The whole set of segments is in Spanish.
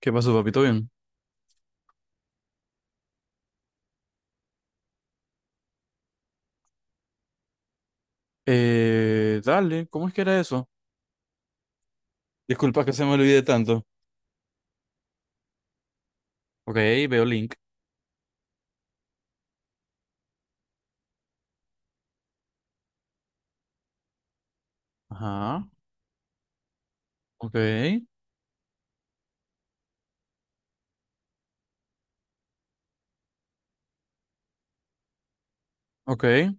¿Qué pasó, papito? Bien. Dale, ¿cómo es que era eso? Disculpa que se me olvide tanto. Ok, veo link. Ajá, ok, ok.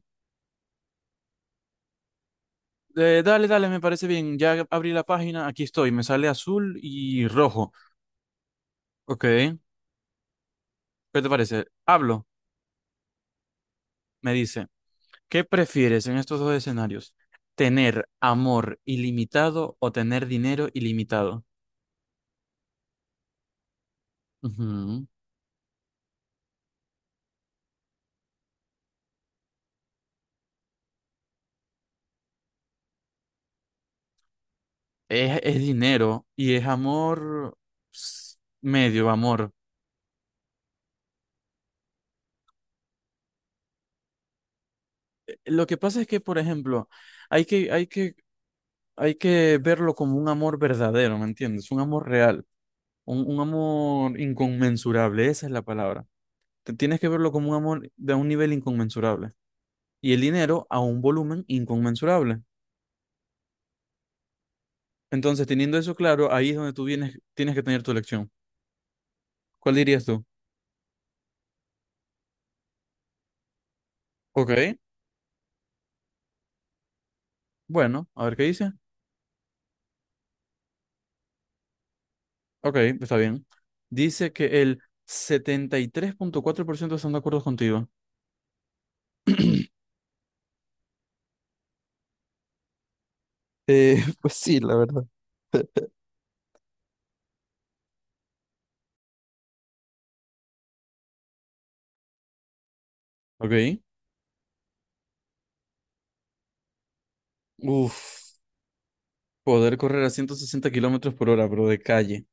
Dale, dale, me parece bien. Ya abrí la página, aquí estoy. Me sale azul y rojo. Ok, ¿qué te parece? Hablo, me dice. ¿Qué prefieres en estos dos escenarios? ¿Tener amor ilimitado o tener dinero ilimitado? Ujú. Es dinero y es amor, ps, medio amor. Lo que pasa es que, por ejemplo, hay que, hay que, hay que verlo como un amor verdadero, ¿me entiendes? Un amor real, un amor inconmensurable, esa es la palabra. Tienes que verlo como un amor de un nivel inconmensurable y el dinero a un volumen inconmensurable. Entonces, teniendo eso claro, ahí es donde tú vienes, tienes que tener tu elección. ¿Cuál dirías tú? Ok, bueno, a ver qué dice. Ok, está bien. Dice que el 73,4% están de acuerdo contigo. Pues sí, la verdad. Ok. Uf, poder correr a 160 kilómetros por hora, pero de calle.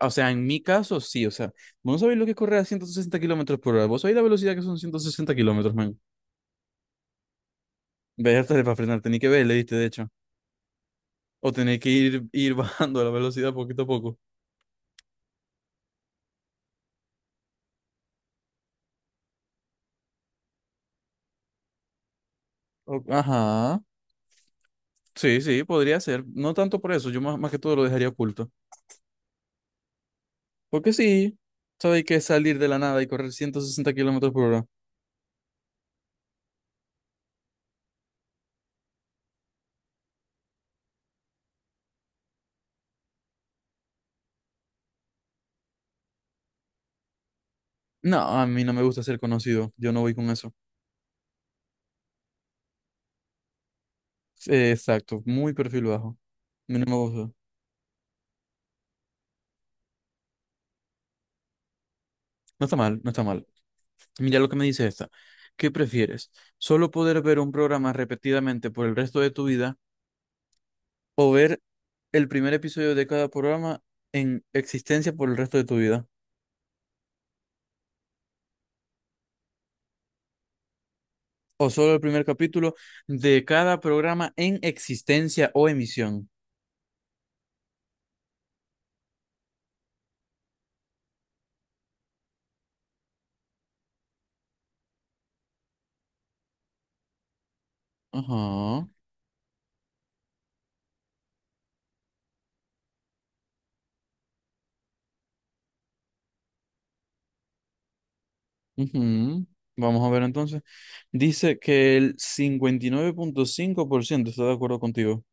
O sea, en mi caso, sí. O sea, vos no sabéis lo que es correr a 160 kilómetros por hora. Vos sabéis la velocidad que son 160 kilómetros, man. Verte para frenar, tenés que verle, viste, de hecho. O tenés que ir bajando la velocidad poquito a poco. Ajá. Sí, sí, podría ser. No tanto por eso, yo más, más que todo lo dejaría oculto. Porque sí, sabéis que salir de la nada y correr 160 kilómetros por hora. No, a mí no me gusta ser conocido. Yo no voy con eso. Sí, exacto, muy perfil bajo. A mí no me gusta. No está mal, no está mal. Mira lo que me dice esta. ¿Qué prefieres? ¿Solo poder ver un programa repetidamente por el resto de tu vida o ver el primer episodio de cada programa en existencia por el resto de tu vida? ¿O solo el primer capítulo de cada programa en existencia o emisión? Ajá. Ujú. Vamos a ver entonces. Dice que el 59,5% está de acuerdo contigo.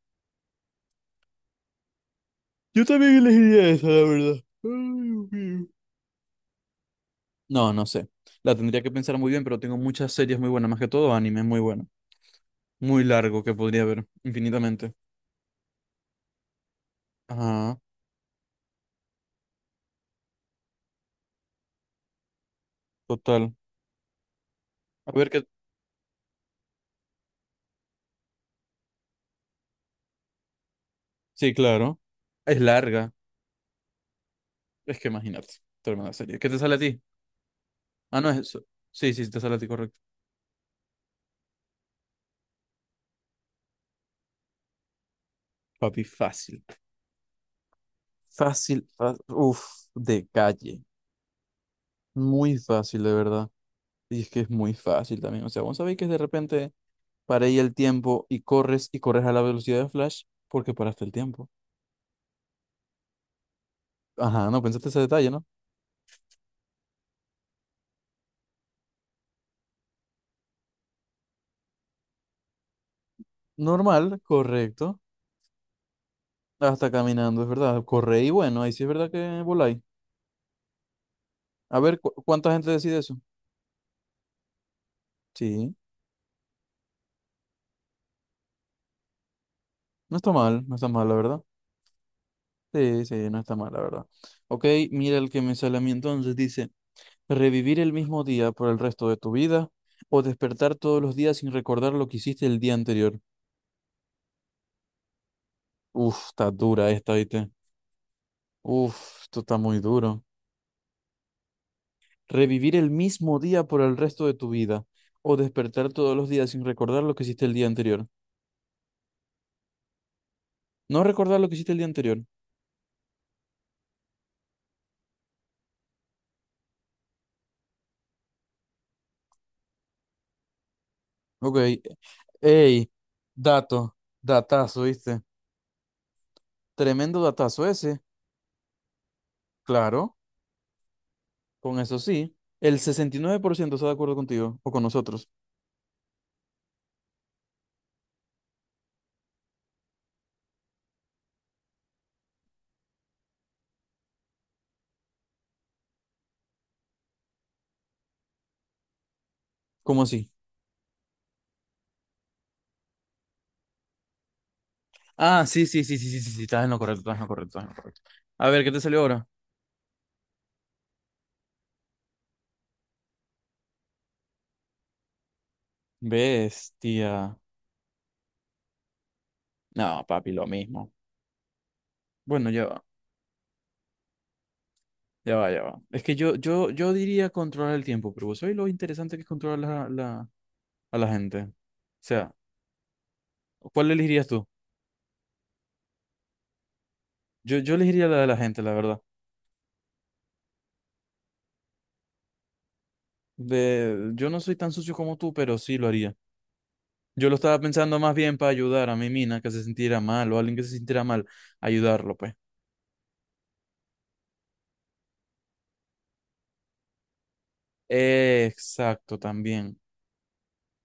Yo también elegiría esa, la verdad. Ay, Dios mío. No, no sé. La tendría que pensar muy bien, pero tengo muchas series muy buenas, más que todo anime muy bueno. Muy largo que podría ver infinitamente. Ajá, total. A ver qué. Sí, claro. Es larga. Es que imagínate, toda una serie. ¿Qué te sale a ti? Ah, no es eso. Sí, sí, te sale a ti, correcto. Papi, fácil. Fácil, fácil. Uf, de calle. Muy fácil, de verdad. Y es que es muy fácil también. O sea, vos sabéis que de repente paré y el tiempo y corres a la velocidad de Flash porque paraste el tiempo. Ajá, no pensaste ese detalle, ¿no? Normal, correcto. Hasta caminando, es verdad. Corre y bueno, ahí sí es verdad que voláis. A ver, ¿ ¿cuánta gente decide eso? Sí, no está mal, no está mal, la verdad. Sí, sí, no está mal, la verdad. Ok, mira el que me sale a mí entonces. Dice, revivir el mismo día por el resto de tu vida o despertar todos los días sin recordar lo que hiciste el día anterior. Uf, está dura esta, ¿viste? Uf, esto está muy duro. Revivir el mismo día por el resto de tu vida, o despertar todos los días sin recordar lo que hiciste el día anterior. No recordar lo que hiciste el día anterior. Ok. Ey, dato, datazo, ¿viste? Tremendo datazo ese. Claro, con eso sí. El 69% está de acuerdo contigo o con nosotros. ¿Cómo así? Ah, sí, sí, sí, sí, sí, sí, sí, estás en lo correcto, estás en lo correcto, estás en lo correcto. A ver, ¿qué te salió ahora? Bestia. No, papi, lo mismo. Bueno, ya va. Ya va, ya va. Es que yo diría controlar el tiempo, pero vos sabés lo interesante que es controlar a la gente. O sea, ¿cuál elegirías tú? Yo elegiría la de la gente, la verdad. Yo no soy tan sucio como tú, pero sí lo haría. Yo lo estaba pensando más bien para ayudar a mi mina que se sintiera mal o a alguien que se sintiera mal, ayudarlo, pues. Exacto, también.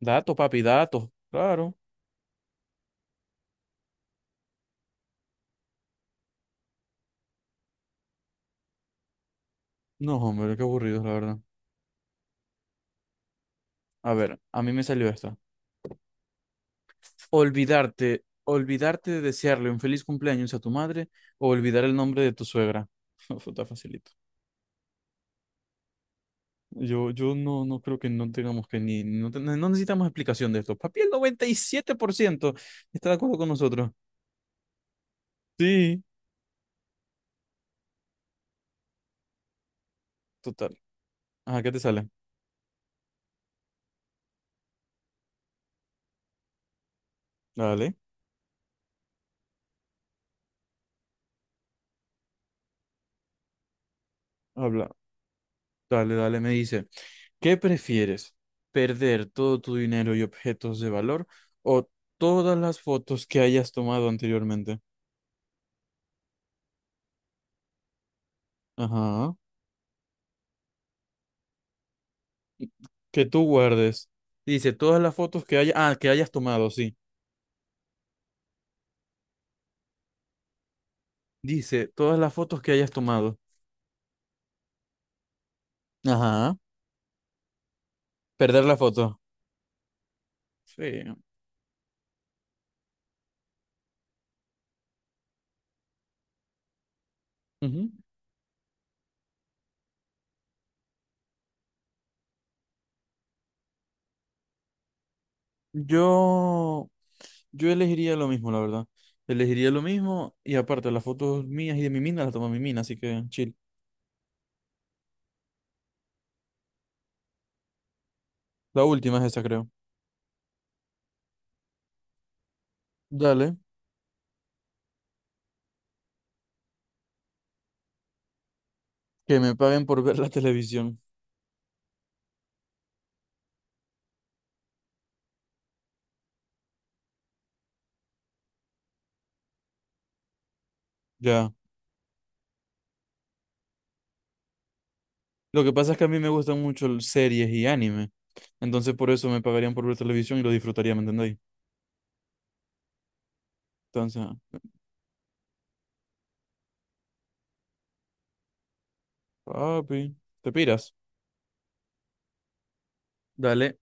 Datos, papi, datos. Claro. No, hombre, qué aburrido, la verdad. A ver, a mí me salió esta. Olvidarte de desearle un feliz cumpleaños a tu madre o olvidar el nombre de tu suegra. Eso está facilito. Yo no creo que no tengamos que ni, no, no necesitamos explicación de esto. Papi, el 97% está de acuerdo con nosotros. Sí, total. Ajá, ¿qué te sale? Dale, habla. Dale, dale, me dice. ¿Qué prefieres? ¿Perder todo tu dinero y objetos de valor o todas las fotos que hayas tomado anteriormente? Ajá. Que tú guardes. Dice, todas las fotos que haya, ah, que hayas tomado, sí. Dice, todas las fotos que hayas tomado. Ajá. Perder la foto. Sí. Ujú. Yo, yo elegiría lo mismo, la verdad. Elegiría lo mismo y aparte las fotos mías y de mi mina las toma mi mina, así que chill. La última es esa, creo. Dale, que me paguen por ver la televisión. Ya. Lo que pasa es que a mí me gustan mucho series y anime. Entonces por eso me pagarían por ver televisión y lo disfrutaría, ¿me entendéis? Entonces, papi, te piras. Dale.